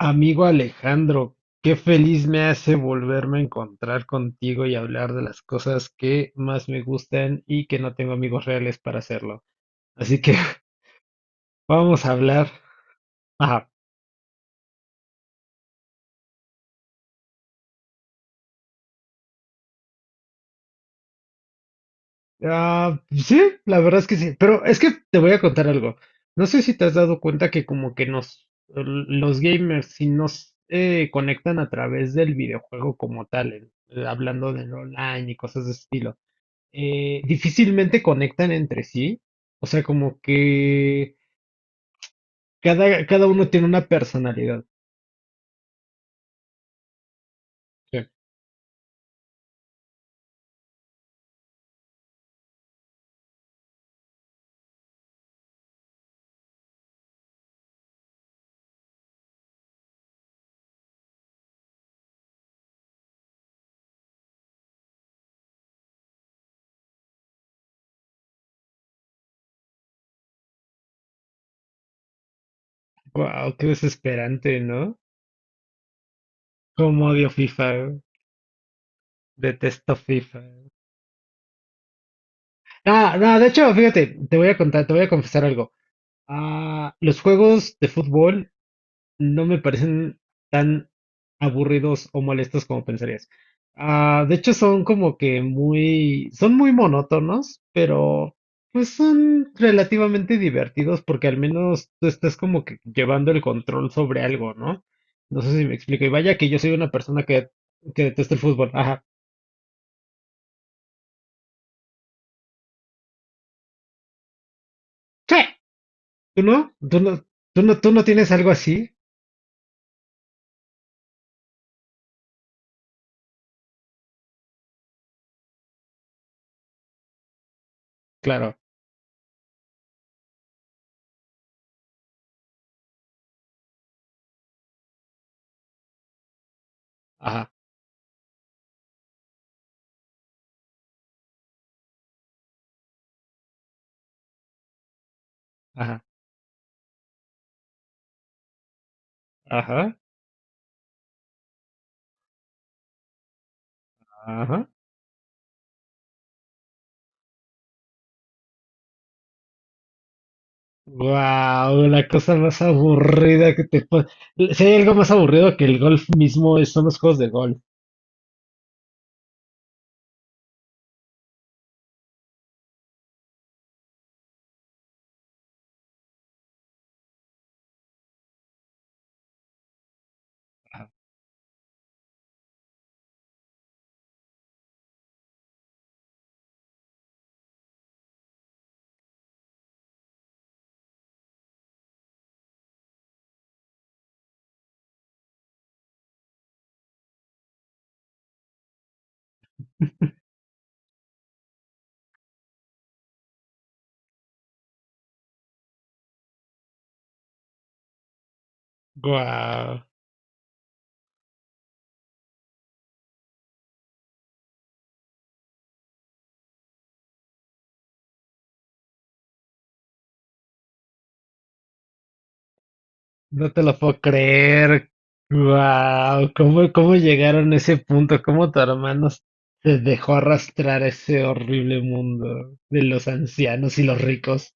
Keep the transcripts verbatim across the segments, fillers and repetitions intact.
Amigo Alejandro, qué feliz me hace volverme a encontrar contigo y hablar de las cosas que más me gustan y que no tengo amigos reales para hacerlo. Así que vamos a hablar. Ajá. Ah, sí, la verdad es que sí. Pero es que te voy a contar algo. No sé si te has dado cuenta que como que nos, los gamers, si nos eh, conectan a través del videojuego como tal, en- hablando del online y cosas de ese estilo. Eh, difícilmente conectan entre sí. O sea, como que cada, cada uno tiene una personalidad. Sí. Wow, qué desesperante, ¿no? Como odio FIFA, güey. Detesto FIFA. Ah, no, de hecho, fíjate, te voy a contar, te voy a confesar algo. Ah, los juegos de fútbol no me parecen tan aburridos o molestos como pensarías. Ah, de hecho, son como que muy, son muy monótonos, pero pues son relativamente divertidos porque al menos tú estás como que llevando el control sobre algo, ¿no? No sé si me explico. Y vaya que yo soy una persona que, que detesta el fútbol. Ajá. ¿Qué? ¿Tú no? ¿Tú no? ¿Tú no? ¿Tú no tienes algo así? Claro. Ajá. Ajá. Ajá. Ajá. Wow, la cosa más aburrida que te puede. Si hay algo más aburrido que el golf mismo, es- son los juegos de golf. Wow, no te lo puedo creer. Wow, ¿cómo, cómo llegaron a ese punto? ¿Cómo tu hermano se dejó arrastrar a ese horrible mundo de los ancianos y los ricos?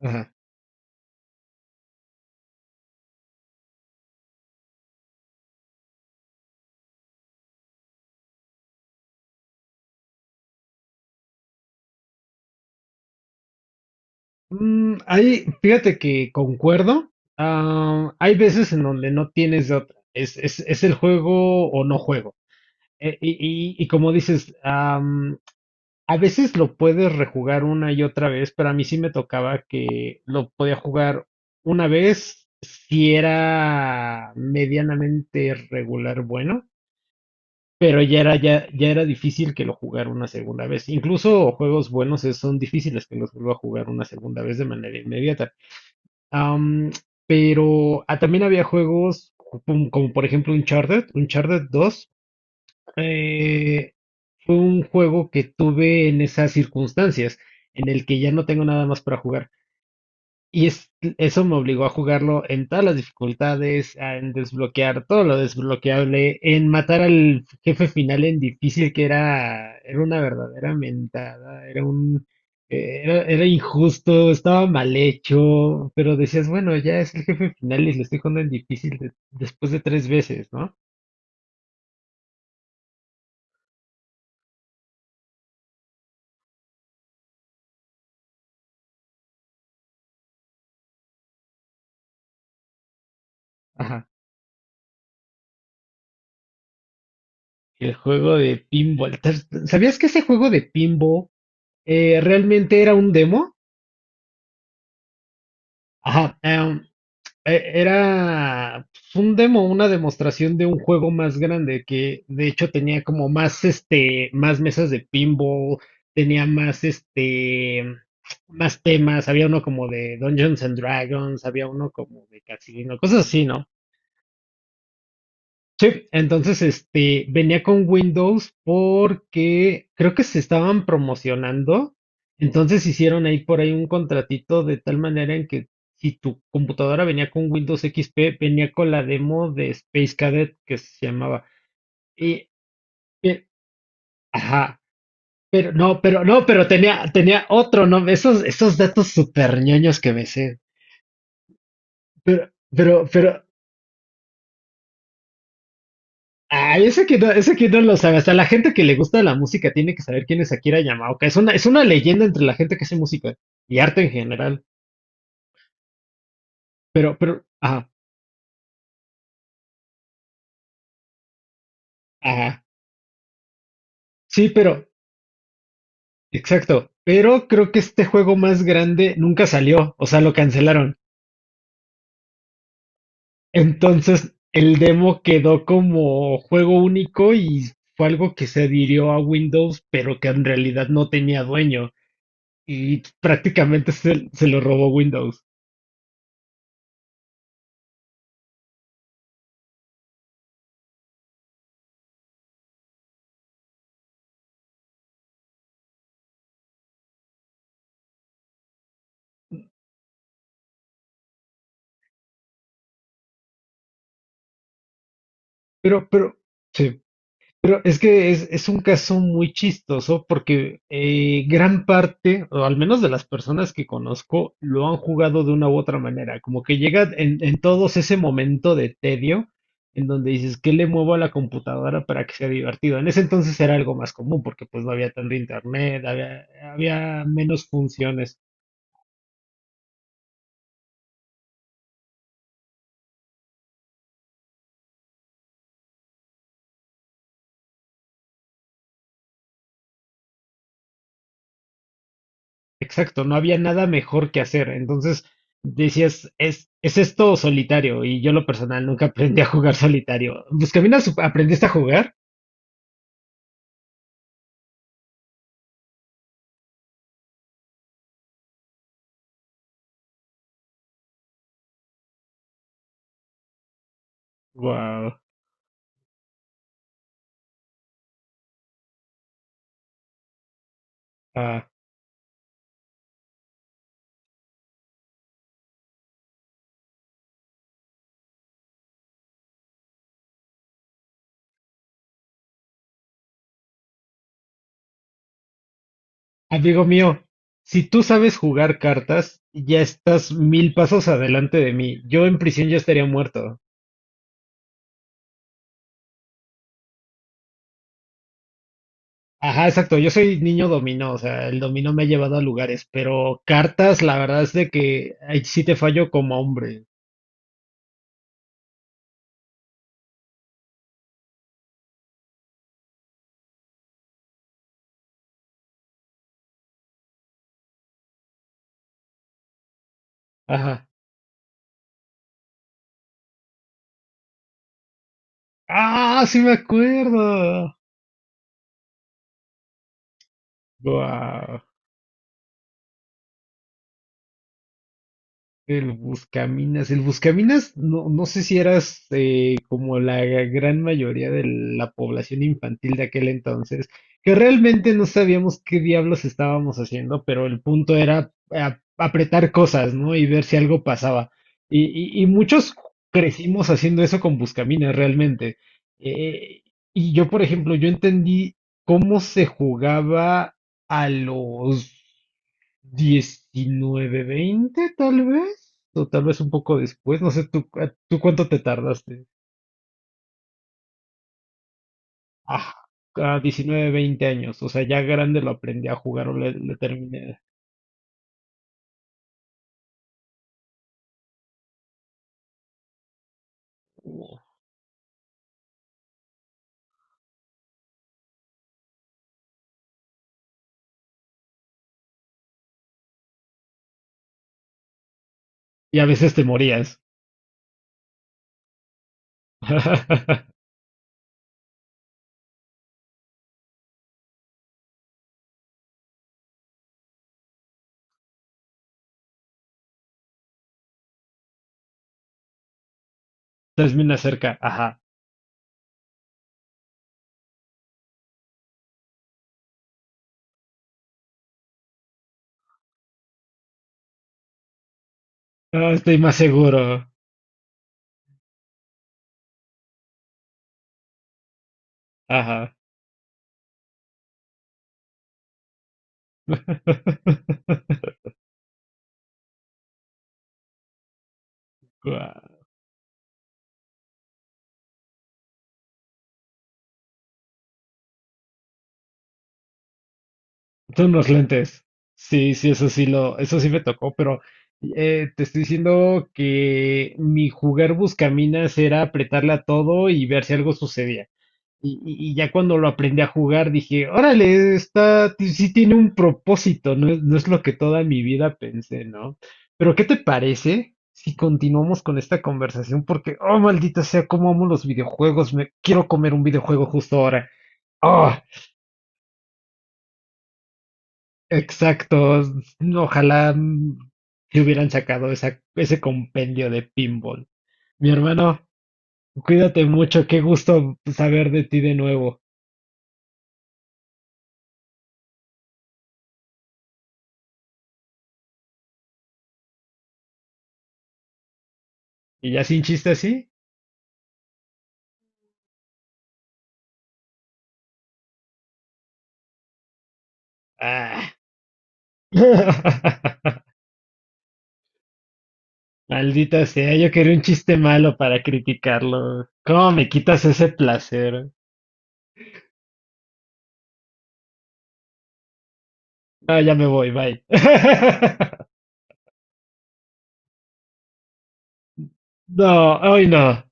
Ajá. Mm, ahí, fíjate que concuerdo. Ah, hay veces en donde no tienes de otra. Es, es, es el juego o no juego. Eh, y, y- y como dices, am, a veces lo puedes rejugar una y otra vez, pero a mí sí me tocaba que lo podía jugar una vez si era medianamente regular bueno, pero ya era, ya, ya era difícil que lo jugara una segunda vez. Incluso juegos buenos es- son difíciles que los vuelva a jugar una segunda vez de manera inmediata. Am, pero ah, también había juegos como, como por ejemplo Uncharted, Uncharted dos. eh, un juego que tuve en esas circunstancias, en el que ya no tengo nada más para jugar. Y es, eso me obligó a jugarlo en todas las dificultades, a- en desbloquear todo lo desbloqueable, en matar al jefe final en difícil, que era, era una verdadera mentada, era un, eh, era, era injusto, estaba mal hecho, pero decías, bueno, ya es el jefe final y lo estoy jugando en difícil de- después de tres veces, ¿no? Ajá. El juego de pinball. ¿Te has- ¿Sabías que ese juego de pinball Eh, realmente era un demo? Ajá. Em, e- era pues, un demo, una demostración de un juego más grande que de hecho tenía como más este, más mesas de pinball, tenía más este, más temas, había uno como de Dungeons and Dragons, había uno como de casino, cosas así, ¿no? Sí, entonces este venía con Windows porque creo que se estaban promocionando, entonces hicieron ahí por ahí un contratito de tal manera en que si tu computadora venía con Windows equis pe, venía con la demo de Space Cadet que se llamaba. Y, eh, ajá, pero no, pero no, pero tenía tenía otro, ¿no? Esos esos datos súper ñoños que me sé. Pero pero pero ay, ese que no, ese que no lo sabe. Hasta la gente que le gusta la música tiene que saber quién es Akira Yamaoka. Es una, es una leyenda entre la gente que hace música y arte en general. Pero, pero, ajá, ajá. Sí, pero, exacto. Pero creo que este juego más grande nunca salió. O sea, lo cancelaron. Entonces, el demo quedó como juego único y fue algo que se adhirió a Windows, pero que en realidad no tenía dueño. Y prácticamente se, se lo robó Windows. Pero, pero, sí. Pero es que es, es un caso muy chistoso porque eh, gran parte, o al menos de las personas que conozco, lo han jugado de una u otra manera. Como que llega en, en todos ese momento de tedio en donde dices, ¿qué le muevo a la computadora para que sea divertido? En ese entonces era algo más común porque pues no había tanto internet, había, había menos funciones. Exacto, no había nada mejor que hacer. Entonces decías, es, es esto solitario. Y yo, lo personal, nunca aprendí a jugar solitario. Buscaminas, sup- ¿aprendiste a jugar? Wow. Ah, amigo mío, si tú sabes jugar cartas, ya estás mil pasos adelante de mí. Yo en prisión ya estaría muerto. Ajá, exacto. Yo soy niño dominó, o sea, el dominó me ha llevado a lugares, pero cartas, la verdad es de que ahí sí te fallo como hombre. Ajá. Ah, sí me acuerdo. Guau. El Buscaminas, el Buscaminas, no, no sé si eras eh, como la gran mayoría de la población infantil de aquel entonces, que realmente no sabíamos qué diablos estábamos haciendo, pero el punto era a- apretar cosas, ¿no? Y ver si algo pasaba. Y, y- y muchos crecimos haciendo eso con Buscaminas, realmente. Eh, y yo, por ejemplo, yo entendí cómo se jugaba a los diecinueve veinte tal vez, o tal vez un poco después, no sé, ¿tú, cu- tú cuánto te tardaste? Ah, a diecinueve veinte años, o sea, ya grande lo aprendí a jugar o le, le terminé. Y a veces te morías. Termina cerca, ajá. Ah, estoy más seguro, ajá. Guau. Son los lentes. Sí, sí, eso sí lo, eso sí me tocó, pero eh, te estoy diciendo que mi jugar buscaminas era apretarle a todo y ver si algo sucedía. Y, y- y ya cuando lo aprendí a jugar dije, órale, está, ti- sí tiene un propósito, no es, no es lo que toda mi vida pensé, ¿no? Pero ¿qué te parece si continuamos con esta conversación? Porque, oh, maldita sea, cómo amo los videojuegos, me quiero comer un videojuego justo ahora. ¡Ah! Exacto. Ojalá mm, que hubieran sacado esa, ese compendio de pinball. Mi hermano, cuídate mucho. Qué gusto saber de ti de nuevo. ¿Y ya sin chiste así? Ah. Maldita sea, yo quería un chiste malo para criticarlo. ¿Cómo me quitas ese placer? Ah, ya me voy, bye. No, hoy no.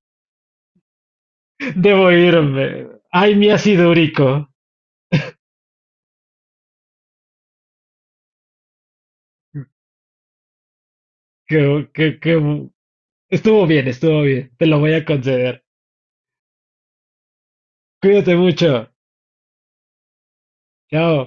Debo irme. Ay, mi ácido úrico. Qué, qué, qué, Estuvo bien, estuvo bien. Te lo voy a conceder. Cuídate mucho. Chao.